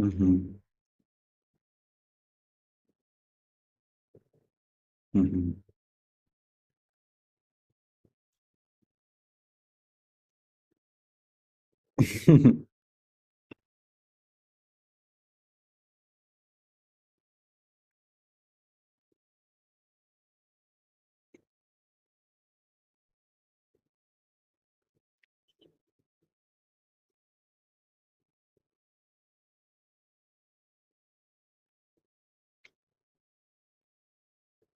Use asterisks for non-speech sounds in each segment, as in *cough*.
Hı hı. Hı hı. *laughs*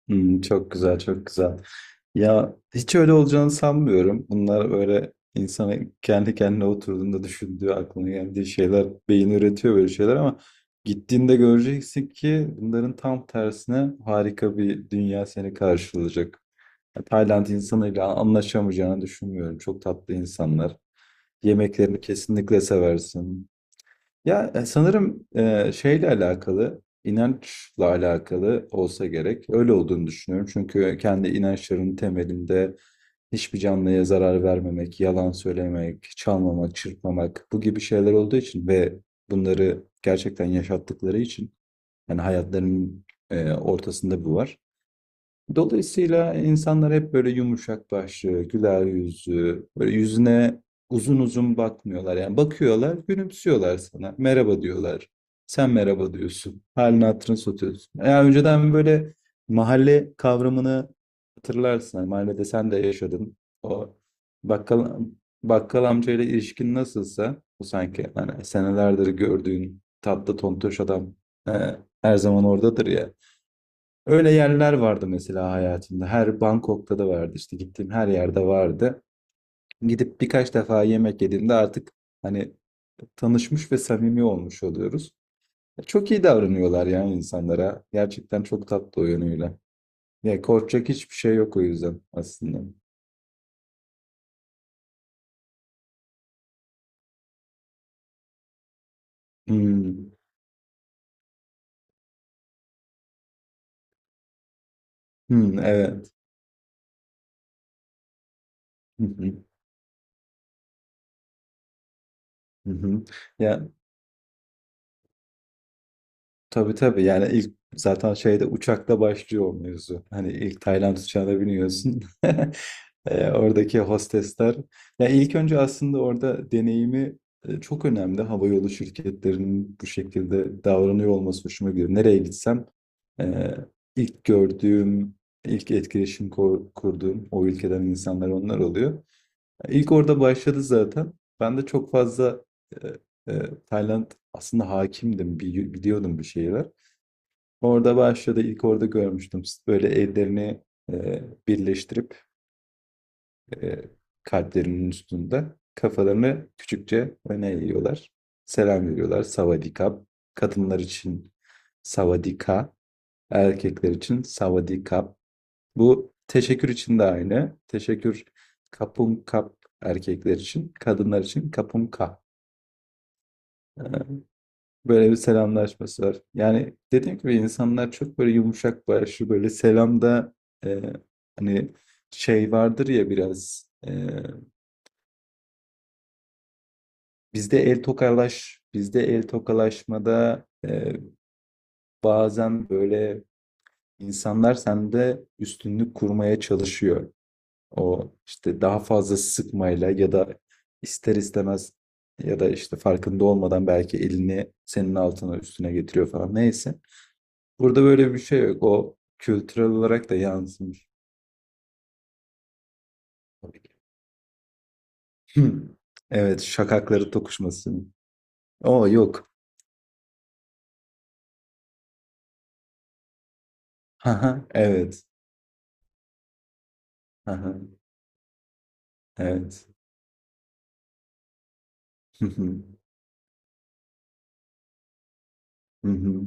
Hımm, çok güzel, çok güzel. Ya, hiç öyle olacağını sanmıyorum. Bunlar öyle insana kendi kendine oturduğunda düşündüğü, aklına geldiği şeyler, beyin üretiyor böyle şeyler ama gittiğinde göreceksin ki bunların tam tersine harika bir dünya seni karşılayacak. Ya, Tayland insanıyla anlaşamayacağını düşünmüyorum. Çok tatlı insanlar. Yemeklerini kesinlikle seversin. Ya sanırım şeyle alakalı, inançla alakalı olsa gerek. Öyle olduğunu düşünüyorum. Çünkü kendi inançlarının temelinde hiçbir canlıya zarar vermemek, yalan söylemek, çalmamak, çırpmamak bu gibi şeyler olduğu için ve bunları gerçekten yaşattıkları için yani hayatlarının ortasında bu var. Dolayısıyla insanlar hep böyle yumuşak başlı, güler yüzlü, böyle yüzüne uzun uzun bakmıyorlar. Yani bakıyorlar, gülümsüyorlar sana. Merhaba diyorlar. Sen merhaba diyorsun. Halini hatırını satıyorsun. Yani önceden böyle mahalle kavramını hatırlarsın. Yani mahallede sen de yaşadın. O bakkal, bakkal amcayla ilişkin nasılsa bu sanki hani senelerdir gördüğün tatlı tontoş adam, e, her zaman oradadır ya. Öyle yerler vardı mesela hayatımda. Her Bangkok'ta da vardı, işte gittiğim her yerde vardı. Gidip birkaç defa yemek yediğimde artık hani tanışmış ve samimi olmuş oluyoruz. Çok iyi davranıyorlar yani insanlara. Gerçekten çok tatlı o yönüyle. Ya korkacak hiçbir şey yok o yüzden aslında. Hmm. Hmm, evet. Hı hı, hı hı. Ya tabii tabii, yani ilk zaten şeyde, uçakta başlıyor o mevzu. Hani ilk Tayland uçağına biniyorsun. *laughs* Oradaki hostesler. Ya ilk önce aslında orada deneyimi çok önemli. Havayolu şirketlerinin bu şekilde davranıyor olması hoşuma gidiyor. Nereye gitsem e, ilk gördüğüm, ilk etkileşim kurduğum o ülkeden insanlar onlar oluyor. İlk orada başladı zaten. Ben de çok fazla e, e, Tayland aslında hakimdim, biliyordum bir şeyler. Orada başladı. İlk orada görmüştüm. Böyle ellerini birleştirip, e, kalplerinin üstünde kafalarını küçükçe öne eğiyorlar. Selam veriyorlar. Savadikap. Kadınlar için savadika. Erkekler için savadikap. Bu teşekkür için de aynı. Teşekkür kapum kap erkekler için. Kadınlar için kapum kap. E, Böyle bir selamlaşması var. Yani dediğim gibi insanlar çok böyle yumuşak başlı, böyle selamda e, hani şey vardır ya, biraz bizde el tokalaşmada bazen böyle insanlar sende üstünlük kurmaya çalışıyor. O işte daha fazla sıkmayla, ya da ister istemez, ya da işte farkında olmadan belki elini senin altına üstüne getiriyor falan, neyse. Burada böyle bir şey yok. O kültürel olarak da yansımış. *clears throat* Hmm. Evet, şakakları tokuşması. O yok. Haha, evet. Haha, evet. Hı hı, hı hı.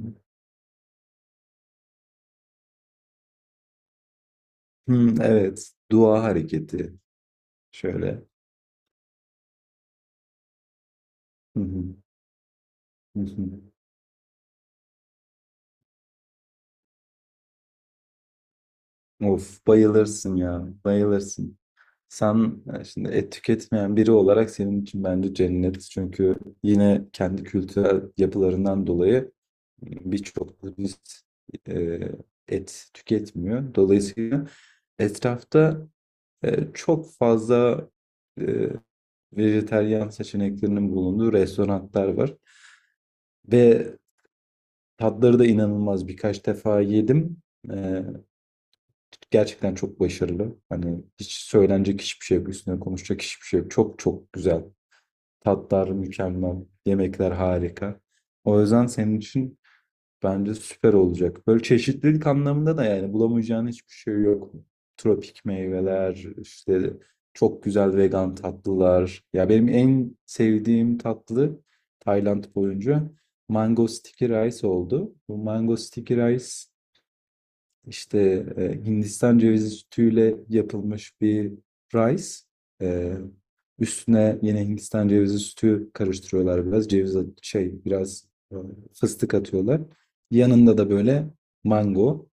Hmm, evet. Dua hareketi. Şöyle. Hı hı, hı hı. Of, bayılırsın ya. Bayılırsın. Sen, şimdi et tüketmeyen biri olarak, senin için bence cennet. Çünkü yine kendi kültürel yapılarından dolayı birçok turist e, et tüketmiyor. Dolayısıyla etrafta çok fazla e, vejetaryen seçeneklerinin bulunduğu restoranlar var. Ve tatları da inanılmaz. Birkaç defa yedim. E, Gerçekten çok başarılı. Hani hiç söylenecek hiçbir şey yok. Üstüne konuşacak hiçbir şey yok. Çok çok güzel. Tatlar mükemmel. Yemekler harika. O yüzden senin için bence süper olacak. Böyle çeşitlilik anlamında da yani bulamayacağın hiçbir şey yok. Tropik meyveler, işte çok güzel vegan tatlılar. Ya benim en sevdiğim tatlı Tayland boyunca mango sticky rice oldu. Bu mango sticky rice işte Hindistan cevizi sütüyle yapılmış bir rice. E, Üstüne yine Hindistan cevizi sütü karıştırıyorlar biraz. Şey, biraz e, fıstık atıyorlar. Yanında da böyle mango.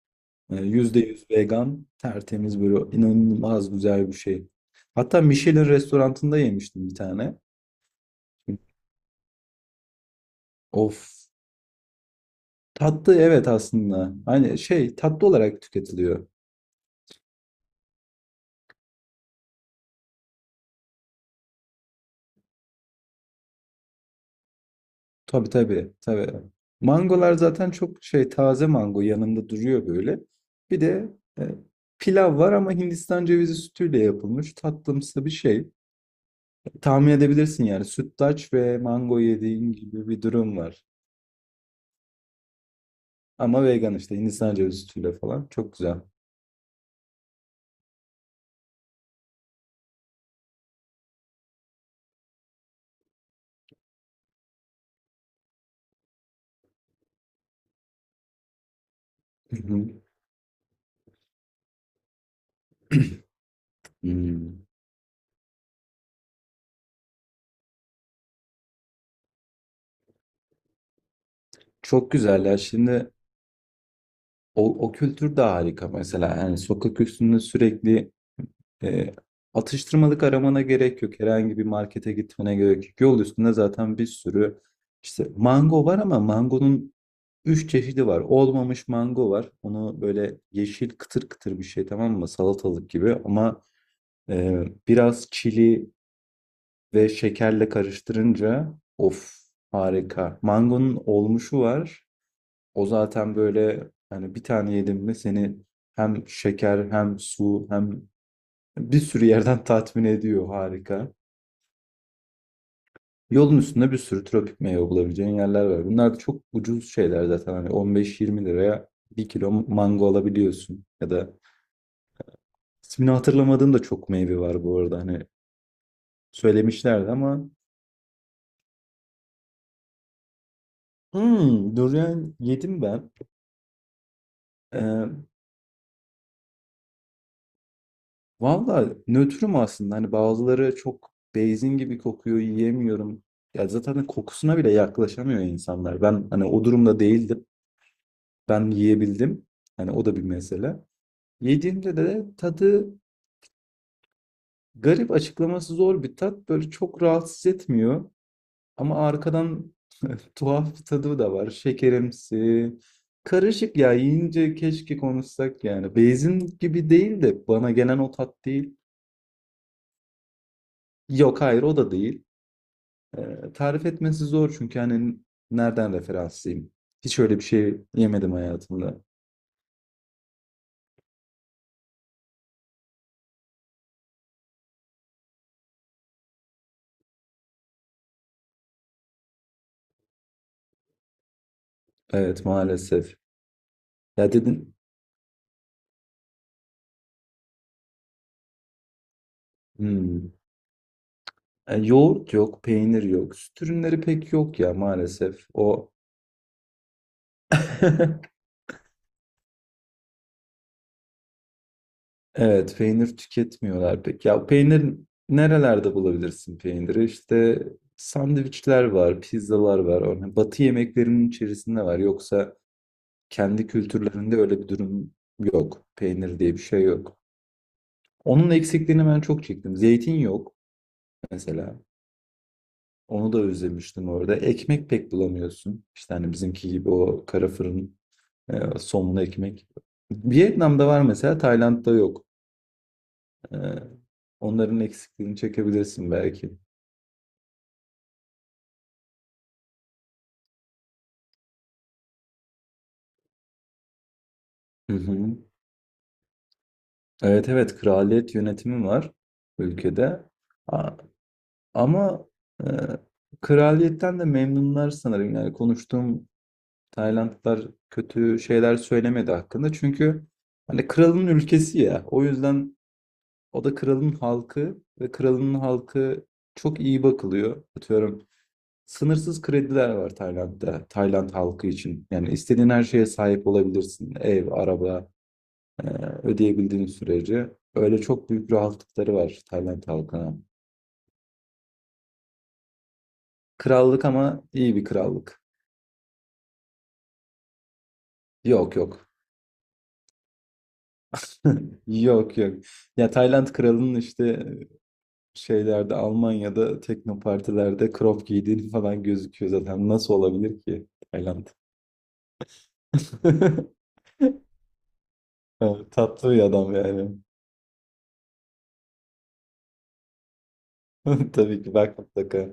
Yüzde yüz vegan, tertemiz, böyle inanılmaz güzel bir şey. Hatta Michelin restorantında yemiştim bir tane. Of. Tatlı evet aslında. Hani şey, tatlı olarak tüketiliyor. Tabii tabii tabii. Mangolar zaten çok şey, taze mango yanında duruyor böyle. Bir de e, pilav var ama Hindistan cevizi sütüyle yapılmış tatlımsı bir şey. Tahmin edebilirsin yani, sütlaç ve mango yediğin gibi bir durum var. Ama vegan, işte Hindistan cevizi sütüyle falan, çok güzel. Hı hı. Hmm. Çok güzel ya, şimdi o kültür de harika mesela. Yani sokak üstünde sürekli E, atıştırmalık aramana gerek yok. Herhangi bir markete gitmene gerek yok. Yol üstünde zaten bir sürü işte mango var ama mangonun üç çeşidi var. Olmamış mango var. Onu böyle yeşil, kıtır kıtır bir şey, tamam mı? Salatalık gibi ama biraz çili ve şekerle karıştırınca, of, harika. Mangonun olmuşu var. O zaten böyle, hani bir tane yedim mi, seni hem şeker hem su hem bir sürü yerden *laughs* tatmin ediyor. Harika. Yolun üstünde bir sürü tropik meyve bulabileceğin yerler var. Bunlar da çok ucuz şeyler zaten. Hani 15-20 liraya bir kilo mango alabiliyorsun. Ya da ismini hatırlamadığım da çok meyve var bu arada. Hani söylemişlerdi ama durian yedim ben. Ee, Valla nötrüm aslında. Hani bazıları çok beyzin gibi kokuyor, yiyemiyorum. Ya zaten hani kokusuna bile yaklaşamıyor insanlar. Ben hani o durumda değildim. Ben yiyebildim. Hani o da bir mesele. Yediğimde de tadı garip, açıklaması zor bir tat. Böyle çok rahatsız etmiyor. Ama arkadan *laughs* tuhaf bir tadı da var. Şekerimsi. Karışık ya. Yiyince keşke konuşsak yani. Beyzin gibi değil de bana gelen o tat değil. Yok, hayır, o da değil. Tarif etmesi zor çünkü hani nereden referanslıyım? Hiç öyle bir şey yemedim hayatımda. Evet, maalesef. Ya dedin. Hmm. Yoğurt yok, peynir yok. Süt ürünleri pek yok ya, maalesef. O. *laughs* Evet, peynir tüketmiyorlar pek. Ya peynir, nerelerde bulabilirsin peyniri? İşte sandviçler var, pizzalar var. Örneğin batı yemeklerinin içerisinde var. Yoksa kendi kültürlerinde öyle bir durum yok. Peynir diye bir şey yok. Onun eksikliğini ben çok çektim. Zeytin yok mesela. Onu da özlemiştim orada. Ekmek pek bulamıyorsun. İşte hani bizimki gibi o kara fırın, somon ekmek. Vietnam'da var mesela, Tayland'da yok. Ee, Onların eksikliğini çekebilirsin belki. Hı hı. Evet evet, kraliyet yönetimi var ülkede. A- Ama e, kraliyetten de memnunlar sanırım. Yani konuştuğum Taylandlılar kötü şeyler söylemedi hakkında. Çünkü hani kralın ülkesi ya. O yüzden o da kralın halkı, ve kralın halkı çok iyi bakılıyor. Atıyorum, sınırsız krediler var Tayland'da, Tayland halkı için. Yani istediğin her şeye sahip olabilirsin. Ev, araba, e, ödeyebildiğin sürece. Öyle çok büyük rahatlıkları var Tayland halkına. Krallık ama iyi bir krallık. Yok yok. *laughs* Yok yok. Ya Tayland kralının, işte şeylerde, Almanya'da teknopartilerde crop giydiğini falan gözüküyor zaten. Nasıl olabilir ki Tayland? *laughs* Evet, tatlı bir adam yani. *laughs* Tabii ki bak, mutlaka.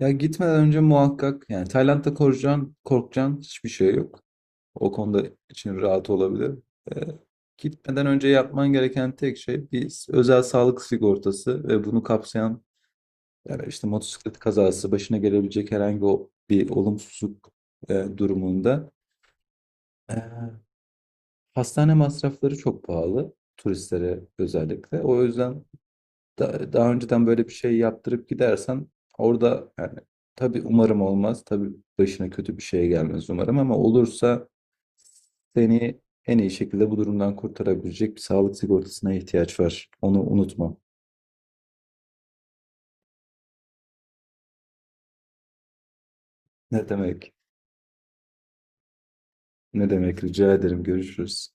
Ya gitmeden önce muhakkak, yani Tayland'da korkacağın, korkacağın hiçbir şey yok. O konuda için rahat olabilir. Ee, Gitmeden önce yapman gereken tek şey bir özel sağlık sigortası, ve bunu kapsayan, yani işte motosiklet kazası, başına gelebilecek herhangi bir olumsuzluk durumunda. Ee, Hastane masrafları çok pahalı turistlere, özellikle. O yüzden daha önceden böyle bir şey yaptırıp gidersen orada, yani tabii umarım olmaz. Tabii başına kötü bir şey gelmez umarım, ama olursa seni en iyi şekilde bu durumdan kurtarabilecek bir sağlık sigortasına ihtiyaç var. Onu unutma. Ne demek? Ne demek? Rica ederim. Görüşürüz.